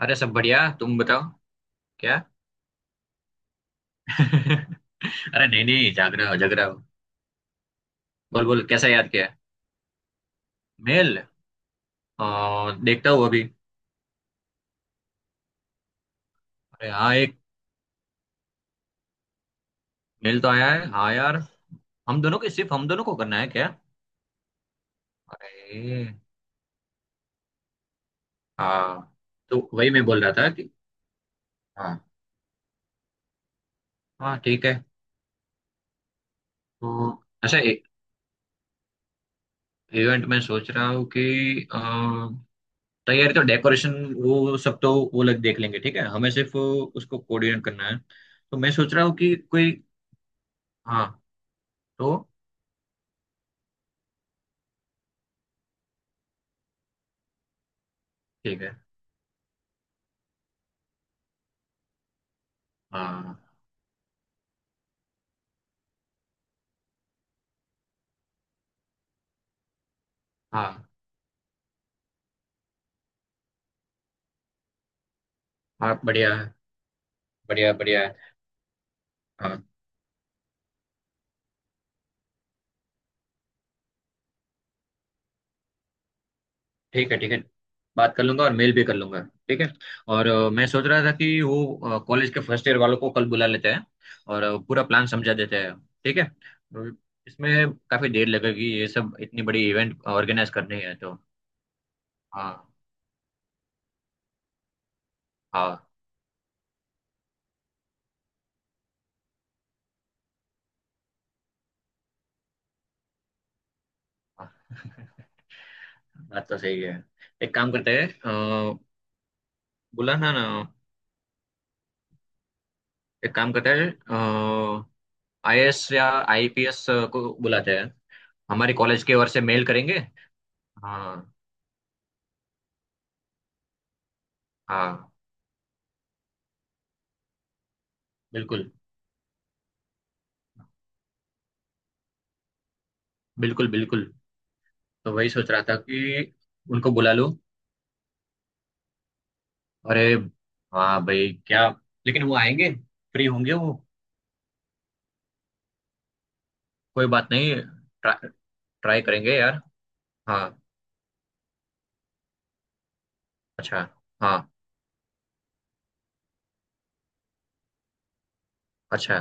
अरे सब बढ़िया। तुम बताओ। क्या? अरे नहीं नहीं, जाग रहा हो जाग रहा हो। बोल बोल, कैसा याद किया? मेल? आ, देखता हूँ अभी। अरे हाँ, एक मेल तो आया है हाँ यार। हम दोनों के, सिर्फ हम दोनों को करना है क्या? अरे हाँ। तो वही मैं बोल रहा था कि हाँ, हाँ ठीक है। तो अच्छा, इवेंट में सोच रहा हूँ कि अ, तैयारी तो, डेकोरेशन वो सब तो वो लोग देख लेंगे, ठीक है हमें सिर्फ उसको कोऑर्डिनेट करना है। तो मैं सोच रहा हूँ कि कोई हाँ तो, ठीक है। हाँ। हाँ। हाँ। बढ़िया है। बढ़िया बढ़िया है। हाँ। ठीक है ठीक है, बात कर लूंगा और मेल भी कर लूंगा। ठीक है। और मैं सोच रहा था कि वो कॉलेज के फर्स्ट ईयर वालों को कल बुला लेते हैं, और पूरा प्लान समझा देते हैं। ठीक है। और इसमें काफी देर लगेगी, ये सब इतनी बड़ी इवेंट ऑर्गेनाइज करनी है तो। हाँ। हाँ। हाँ। बात तो सही है। एक काम करते हैं, अ, बुलाना ना। एक काम करते हैं, आईएएस या आईपीएस को बुलाते हैं। हमारी कॉलेज की ओर से मेल करेंगे। हाँ। हाँ। बिल्कुल। बिल्कुल बिल्कुल। तो वही सोच रहा था कि उनको बुला लो। अरे हाँ भाई, क्या, लेकिन वो आएंगे? फ्री होंगे वो? कोई बात नहीं। ट्रा, ट्राई करेंगे यार। हाँ। अच्छा। हाँ। अच्छा।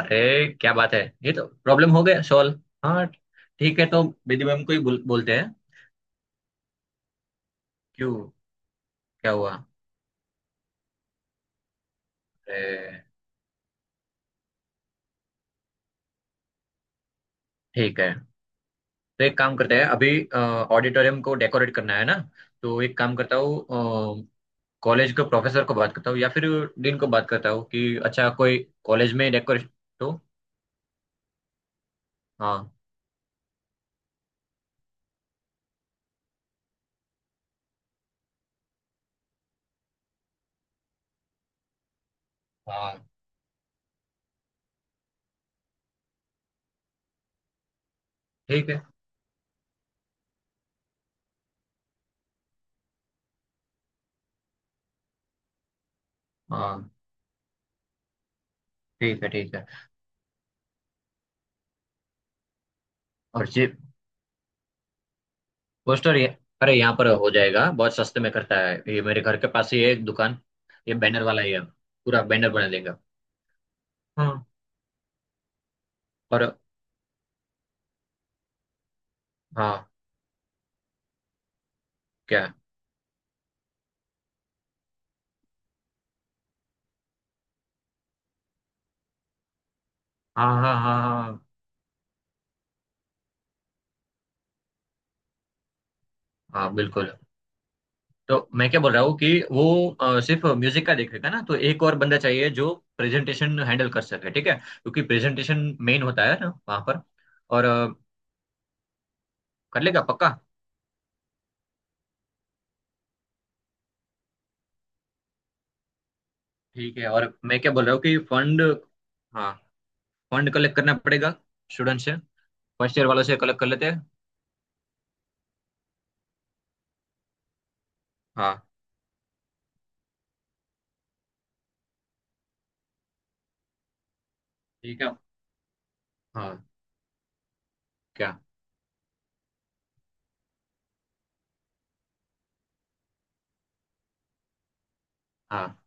अरे क्या बात है, ये तो प्रॉब्लम हो गया सॉल्व। हाँ। ठीक है तो बेदी मैम को ही बोलते हैं। क्यों? क्या हुआ? अरे। ठीक है, तो एक काम करते हैं अभी। ऑडिटोरियम को डेकोरेट करना है ना, तो एक काम करता हूँ, कॉलेज के प्रोफेसर को बात करता हूँ या फिर डीन को बात करता हूँ कि अच्छा कोई कॉलेज में डेकोरेशन तो। हाँ। हाँ। ठीक है। हाँ। ठीक है ठीक है। और जी, पोस्टर ये, अरे यहाँ पर हो जाएगा, बहुत सस्ते में करता है ये, मेरे घर के पास ही है एक दुकान। ये बैनर वाला ही है, पूरा बैनर बना देगा। हाँ। और हाँ। क्या? हाँ। हाँ। हाँ। हाँ। हाँ बिल्कुल। तो मैं क्या बोल रहा हूँ कि वो सिर्फ म्यूजिक का देखेगा ना, तो एक और बंदा चाहिए जो प्रेजेंटेशन हैंडल कर सके, ठीक है क्योंकि प्रेजेंटेशन मेन होता है ना वहाँ पर। और कर लेगा पक्का। ठीक है, और मैं क्या बोल रहा हूँ कि फंड। हाँ। फंड कलेक्ट करना पड़ेगा स्टूडेंट से। फर्स्ट ईयर वालों से कलेक्ट कर लेते हैं। हाँ। ठीक है। हाँ। क्या? हाँ।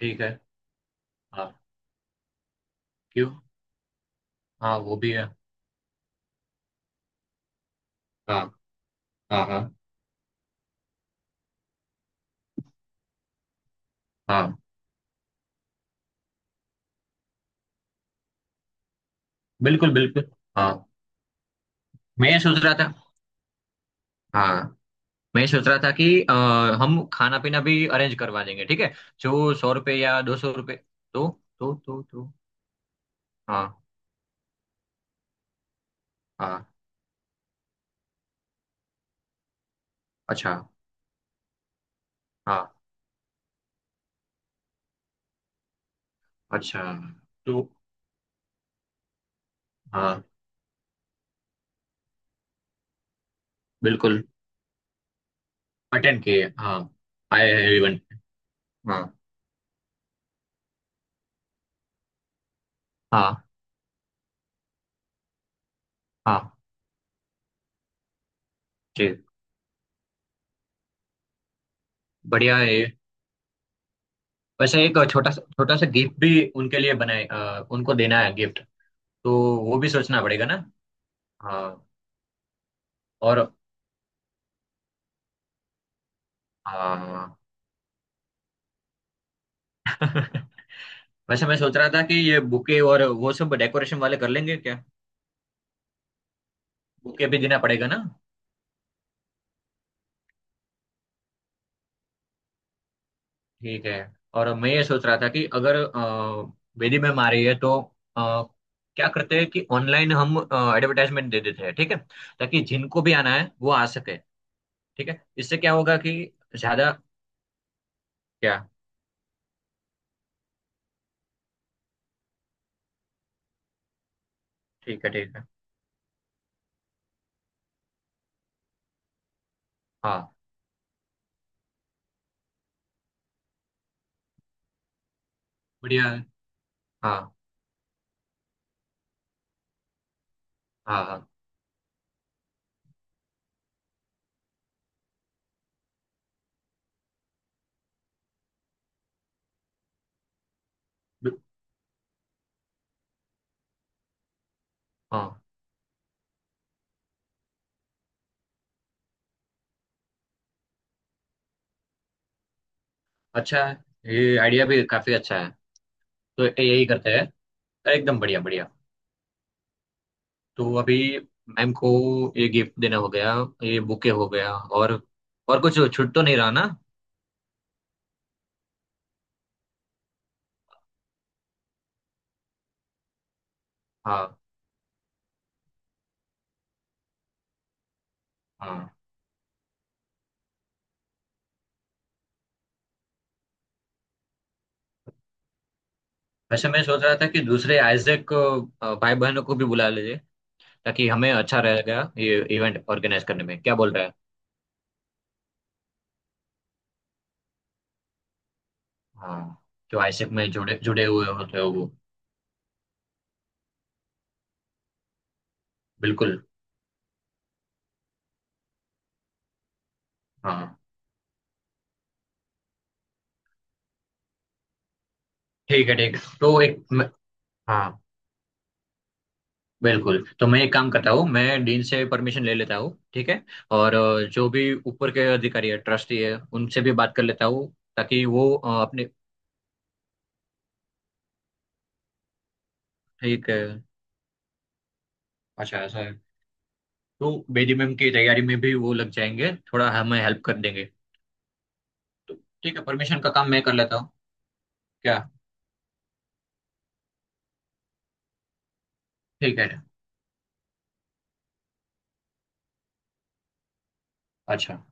ठीक है। हाँ। क्यों? हाँ वो भी है। हाँ। हाँ। हाँ। हाँ। बिल्कुल बिल्कुल। हाँ। मैं ये सोच रहा था, हाँ, मैं सोच रहा था कि हम खाना पीना भी अरेंज करवा देंगे, ठीक है। जो सौ रुपये या दो सौ रुपये। तो तो तो। हाँ। हाँ। अच्छा। हाँ। अच्छा। तो। हाँ। बिल्कुल। अटेंड किए हाँ। आए हैं इवेंट। हाँ। हाँ। हाँ। जी, बढ़िया है ये। वैसे एक छोटा सा गिफ्ट भी उनके लिए बनाए, उनको देना है गिफ्ट, तो वो भी सोचना पड़ेगा ना। हाँ। और। हाँ। वैसे मैं सोच रहा था कि ये बुके और वो सब डेकोरेशन वाले कर लेंगे क्या? बुके भी देना पड़ेगा ना। ठीक है। और मैं ये सोच रहा था कि अगर वेदी मैम आ रही है तो अ, क्या करते हैं कि ऑनलाइन हम एडवर्टाइजमेंट दे देते हैं, ठीक है, ताकि जिनको भी आना है वो आ सके। ठीक है, इससे क्या होगा कि ज्यादा। क्या? ठीक है। ठीक है। हाँ। बढ़िया है। हाँ। हाँ। हाँ। बि- हाँ। अच्छा है, ये आइडिया भी काफी अच्छा है, तो यही करते हैं। एकदम बढ़िया बढ़िया। तो अभी मैम को ये गिफ्ट देना हो गया, ये बुके हो गया, और कुछ छूट तो नहीं रहा ना? हाँ। हाँ। वैसे मैं सोच रहा था कि दूसरे आइजैक भाई बहनों को भी बुला लीजिए, ताकि हमें अच्छा रहेगा ये इवेंट ऑर्गेनाइज करने में, क्या बोल रहा है? हाँ, जो आइजैक में जुड़े जुड़े हुए होते हो वो। बिल्कुल। हाँ। ठीक है ठीक है। हाँ बिल्कुल। तो मैं एक काम करता हूँ, मैं डीन से परमिशन ले लेता हूँ ठीक है, और जो भी ऊपर के अधिकारी है ट्रस्टी है उनसे भी बात कर लेता हूँ, ताकि वो अपने। ठीक है। अच्छा ऐसा है। तो बेदी मैम की तैयारी में भी वो लग जाएंगे, थोड़ा हमें हेल्प कर देंगे। तो ठीक है, परमिशन का काम मैं कर लेता हूँ। क्या? ठीक है। अच्छा।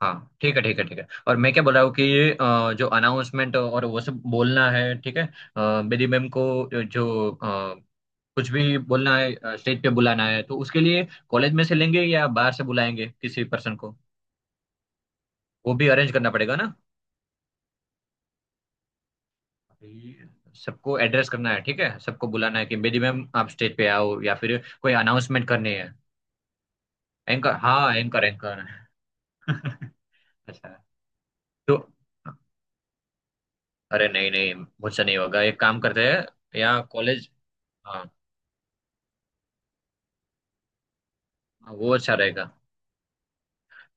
हाँ। ठीक है ठीक है ठीक है। और मैं क्या बोल रहा हूँ कि ये जो अनाउंसमेंट और वो सब बोलना है, ठीक है बेदी मैम को, जो कुछ भी बोलना है स्टेज पे बुलाना है, तो उसके लिए कॉलेज में से लेंगे या बाहर से बुलाएंगे किसी पर्सन को? वो भी अरेंज करना पड़ेगा ना ये। सबको एड्रेस करना है, ठीक है सबको बुलाना है कि बेदी मैम आप स्टेज पे आओ या फिर कोई अनाउंसमेंट करनी है। एंकर हाँ, एंकर एंकर। अच्छा। तो अरे नहीं नहीं, मुझसे नहीं होगा, एक काम करते हैं या कॉलेज। हाँ हाँ, वो अच्छा रहेगा।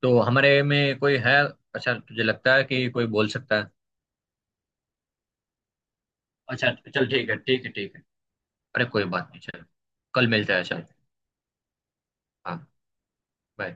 तो हमारे में कोई है? अच्छा, तुझे लगता है कि कोई बोल सकता है? अच्छा चल, ठीक है ठीक है ठीक है। अरे कोई बात नहीं चल। कल मिलते हैं चल। हाँ। bye।